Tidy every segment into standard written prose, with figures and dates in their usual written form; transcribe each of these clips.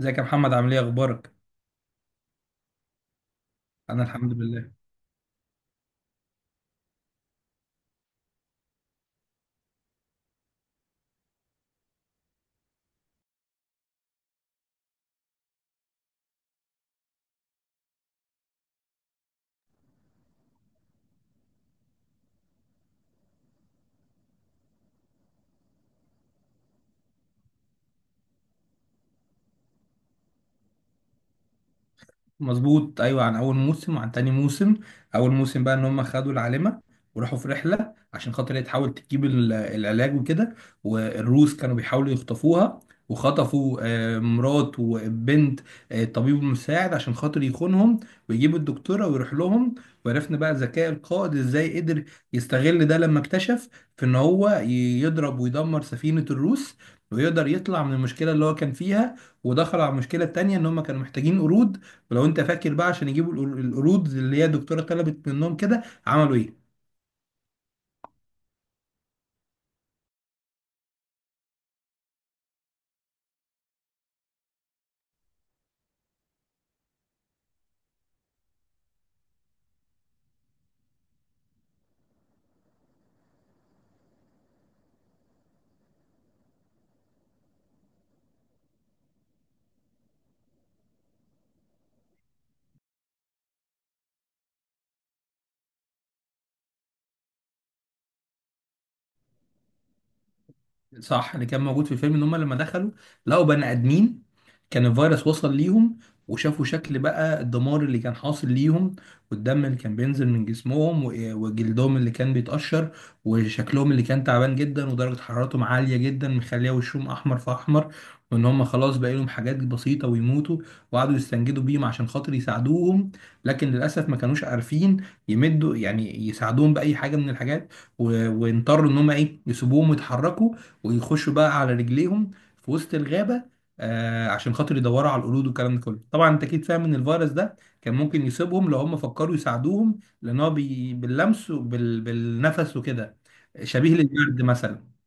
ازيك يا محمد، عامل ايه، اخبارك؟ انا الحمد لله. مظبوط، ايوه، عن اول موسم وعن تاني موسم. اول موسم بقى ان هم خدوا العالمه وراحوا في رحله عشان خاطر هي تحاول تجيب العلاج وكده، والروس كانوا بيحاولوا يخطفوها، وخطفوا مرات وبنت الطبيب المساعد عشان خاطر يخونهم ويجيبوا الدكتوره ويروح لهم. وعرفنا بقى ذكاء القائد ازاي قدر يستغل ده لما اكتشف في ان هو يضرب ويدمر سفينه الروس، ويقدر يطلع من المشكله اللي هو كان فيها، ودخل على المشكله التانيه ان هم كانوا محتاجين قرود. ولو انت فاكر بقى، عشان يجيبوا القرود، اللي هي الدكتوره طلبت منهم، كده عملوا ايه؟ صح، اللي كان موجود في الفيلم ان هم لما دخلوا لقوا بني ادمين كان الفيروس وصل ليهم، وشافوا شكل بقى الدمار اللي كان حاصل ليهم، والدم اللي كان بينزل من جسمهم و- إيه، وجلدهم اللي كان بيتقشر، وشكلهم اللي كان تعبان جدا ودرجة حرارتهم عالية جدا مخليه وشهم احمر في احمر، وان هم خلاص بقى لهم حاجات بسيطة ويموتوا. وقعدوا يستنجدوا بيهم عشان خاطر يساعدوهم، لكن للاسف ما كانوش عارفين يمدوا يعني يساعدوهم بأي حاجة من الحاجات، واضطروا ان هم ايه، يسيبوهم ويتحركوا ويخشوا بقى على رجليهم في وسط الغابة، آه، عشان خاطر يدوروا على القرود والكلام ده كله. طبعا انت اكيد فاهم ان الفيروس ده كان ممكن يصيبهم لو هم فكروا يساعدوهم، لان هو باللمس وبال... بالنفس وكده. شبيه للبرد مثلا.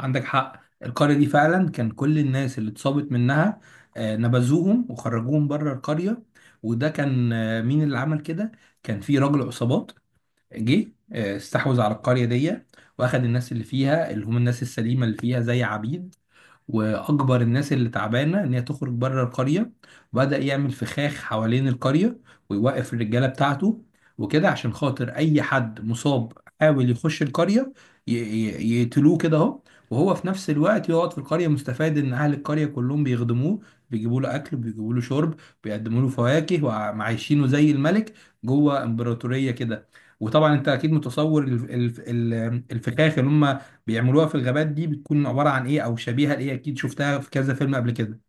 عندك حق، القرية دي فعلا كان كل الناس اللي اتصابت منها، آه، نبذوهم وخرجوهم بره القرية. وده كان آه مين اللي عمل كده؟ كان في راجل عصابات جه استحوذ على القرية دي، واخد الناس اللي فيها اللي هم الناس السليمة اللي فيها زي عبيد، واجبر الناس اللي تعبانه ان هي تخرج بره القريه، وبدا يعمل فخاخ حوالين القريه، ويوقف الرجاله بتاعته وكده، عشان خاطر اي حد مصاب حاول يخش القريه يقتلوه كده اهو. وهو في نفس الوقت يقعد في القريه مستفاد ان اهل القريه كلهم بيخدموه، بيجيبوا له اكل، بيجيبوا له شرب، بيقدموا له فواكه، وعايشينه زي الملك جوه امبراطوريه كده. وطبعا انت اكيد متصور الفخاخ اللي هم بيعملوها في الغابات دي بتكون عباره عن ايه او شبيهه لايه، اكيد شفتها في كذا فيلم قبل كده.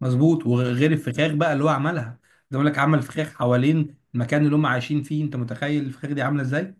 مظبوط، وغير الفخاخ بقى اللي هو عملها، زي ما بقول لك، عمل فخاخ حوالين المكان اللي هم عايشين فيه، انت متخيل الفخاخ دي عامله ازاي؟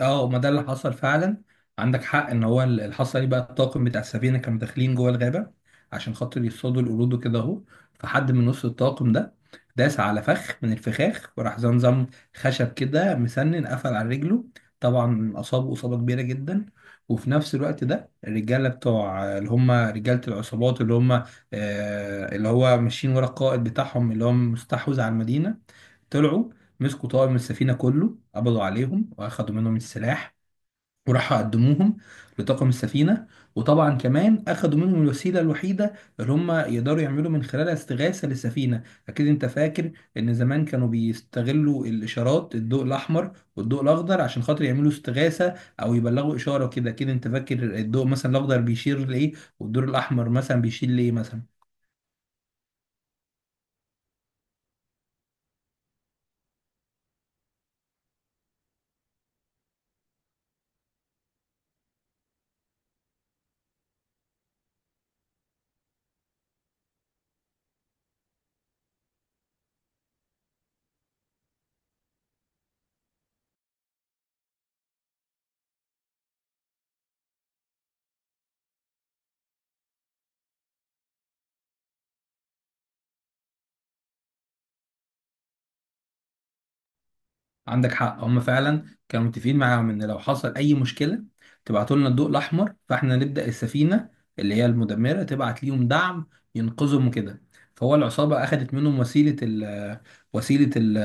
اه، ما ده اللي حصل فعلا. عندك حق، ان هو اللي حصل ايه بقى، الطاقم بتاع السفينه كانوا داخلين جوه الغابه عشان خاطر يصطادوا القرود وكده اهو. فحد من نص الطاقم ده داس على فخ من الفخاخ، وراح زمزم خشب كده مسنن قفل على رجله، طبعا اصابه اصابه كبيره جدا. وفي نفس الوقت ده الرجاله بتوع اللي هم رجاله العصابات اللي هم، اللي هو ماشيين ورا القائد بتاعهم اللي هو مستحوذ على المدينه، طلعوا مسكوا طاقم السفينة كله، قبضوا عليهم وأخدوا منهم السلاح، وراحوا قدموهم لطاقم السفينة. وطبعا كمان أخدوا منهم الوسيلة الوحيدة اللي هم يقدروا يعملوا من خلالها استغاثة للسفينة. أكيد أنت فاكر إن زمان كانوا بيستغلوا الإشارات، الضوء الأحمر والضوء الأخضر، عشان خاطر يعملوا استغاثة أو يبلغوا إشارة كده. أكيد أنت فاكر الضوء مثلا الأخضر بيشير لإيه، والضوء الأحمر مثلا بيشير لإيه مثلا؟ عندك حق، هم فعلا كانوا متفقين معاهم ان لو حصل اي مشكله تبعتوا لنا الضوء الاحمر، فاحنا نبدا السفينه اللي هي المدمره تبعت ليهم دعم ينقذهم وكده. فهو العصابه اخذت منهم وسيله ال وسيله ال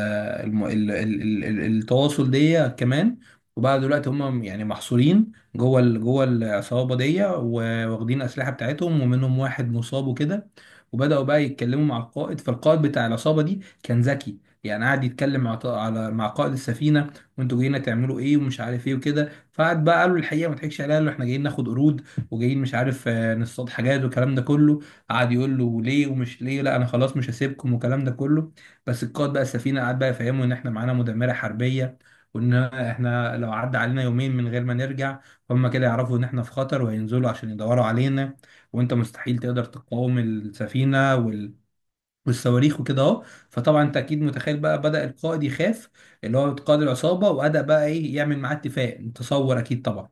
الم- ال- ال- ال- ال- التواصل دي كمان. وبقى دلوقتي هم يعني محصورين جوه جوه العصابه دي، واخدين اسلحه بتاعتهم، ومنهم واحد مصاب وكده. وبداوا بقى يتكلموا مع القائد، فالقائد بتاع العصابه دي كان ذكي، يعني قعد يتكلم مع قائد السفينه، وانتوا جايين تعملوا ايه ومش عارف ايه وكده. فقعد بقى، قالوا الحقيقه ما تضحكش عليها، قال له احنا جايين ناخد قروض، وجايين مش عارف، نصطاد حاجات والكلام ده كله. قعد يقول له ليه ومش ليه، لا انا خلاص مش هسيبكم والكلام ده كله. بس القائد بقى السفينه قعد بقى يفهمه ان احنا معانا مدمره حربيه، وان احنا لو عدى علينا يومين من غير ما نرجع هم كده يعرفوا ان احنا في خطر، وهينزلوا عشان يدوروا علينا، وانت مستحيل تقدر تقاوم السفينه وال... والصواريخ وكده اهو. فطبعا انت اكيد متخيل بقى بدأ القائد يخاف، اللي هو قائد العصابة، وبدأ بقى ايه، يعمل معاه اتفاق، تصور اكيد طبعا.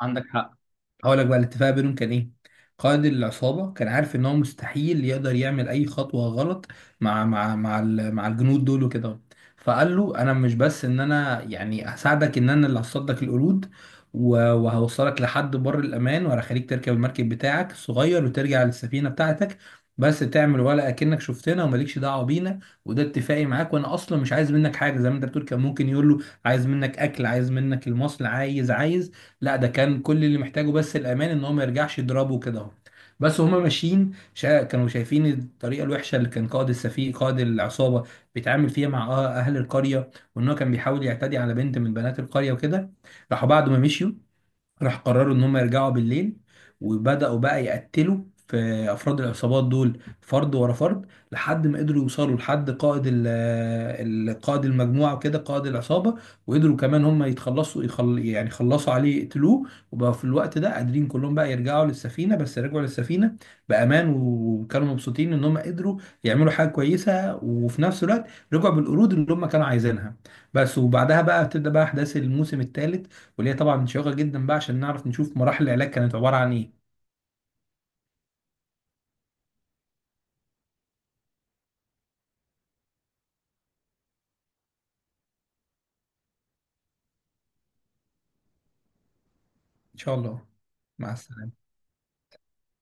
عندك حق، هقول لك بقى الاتفاق بينهم كان ايه. قائد العصابه كان عارف ان هو مستحيل يقدر يعمل اي خطوه غلط مع الجنود دول وكده. فقال له انا مش بس ان انا يعني هساعدك، ان انا اللي هصطاد لك القرود وهوصلك لحد بر الامان وهخليك تركب المركب بتاعك الصغير وترجع للسفينه بتاعتك، بس تعمل ولا اكنك شفتنا ومالكش دعوه بينا، وده اتفاقي معاك. وانا اصلا مش عايز منك حاجه، زي ما انت بتقول كان ممكن يقول له عايز منك اكل، عايز منك المصل، عايز عايز، لا ده كان كل اللي محتاجه بس الامان ان هو ما يرجعش يضربه كده اهو. بس هما ماشيين كانوا شايفين الطريقه الوحشه اللي كان قائد السفيه قائد العصابه بيتعامل فيها مع اهل القريه، وان هو كان بيحاول يعتدي على بنت من بنات القريه وكده. راحوا بعد ما مشيوا، راح قرروا ان هم يرجعوا بالليل، وبداوا بقى يقتلوا في افراد العصابات دول فرد ورا فرد، لحد ما قدروا يوصلوا لحد قائد المجموعه وكده قائد العصابه، وقدروا كمان هم يتخلصوا يعني خلصوا عليه يقتلوه. وبقى في الوقت ده قادرين كلهم بقى يرجعوا للسفينه، بس رجعوا للسفينه بامان، وكانوا مبسوطين ان هم قدروا يعملوا حاجه كويسه، وفي نفس الوقت رجعوا بالقرود اللي هم كانوا عايزينها بس. وبعدها بقى بتبدا بقى احداث الموسم الثالث، وليا طبعا شيقة جدا بقى عشان نعرف نشوف مراحل العلاج كانت عبارة عن ايه. ان شاء الله. مع السلامة.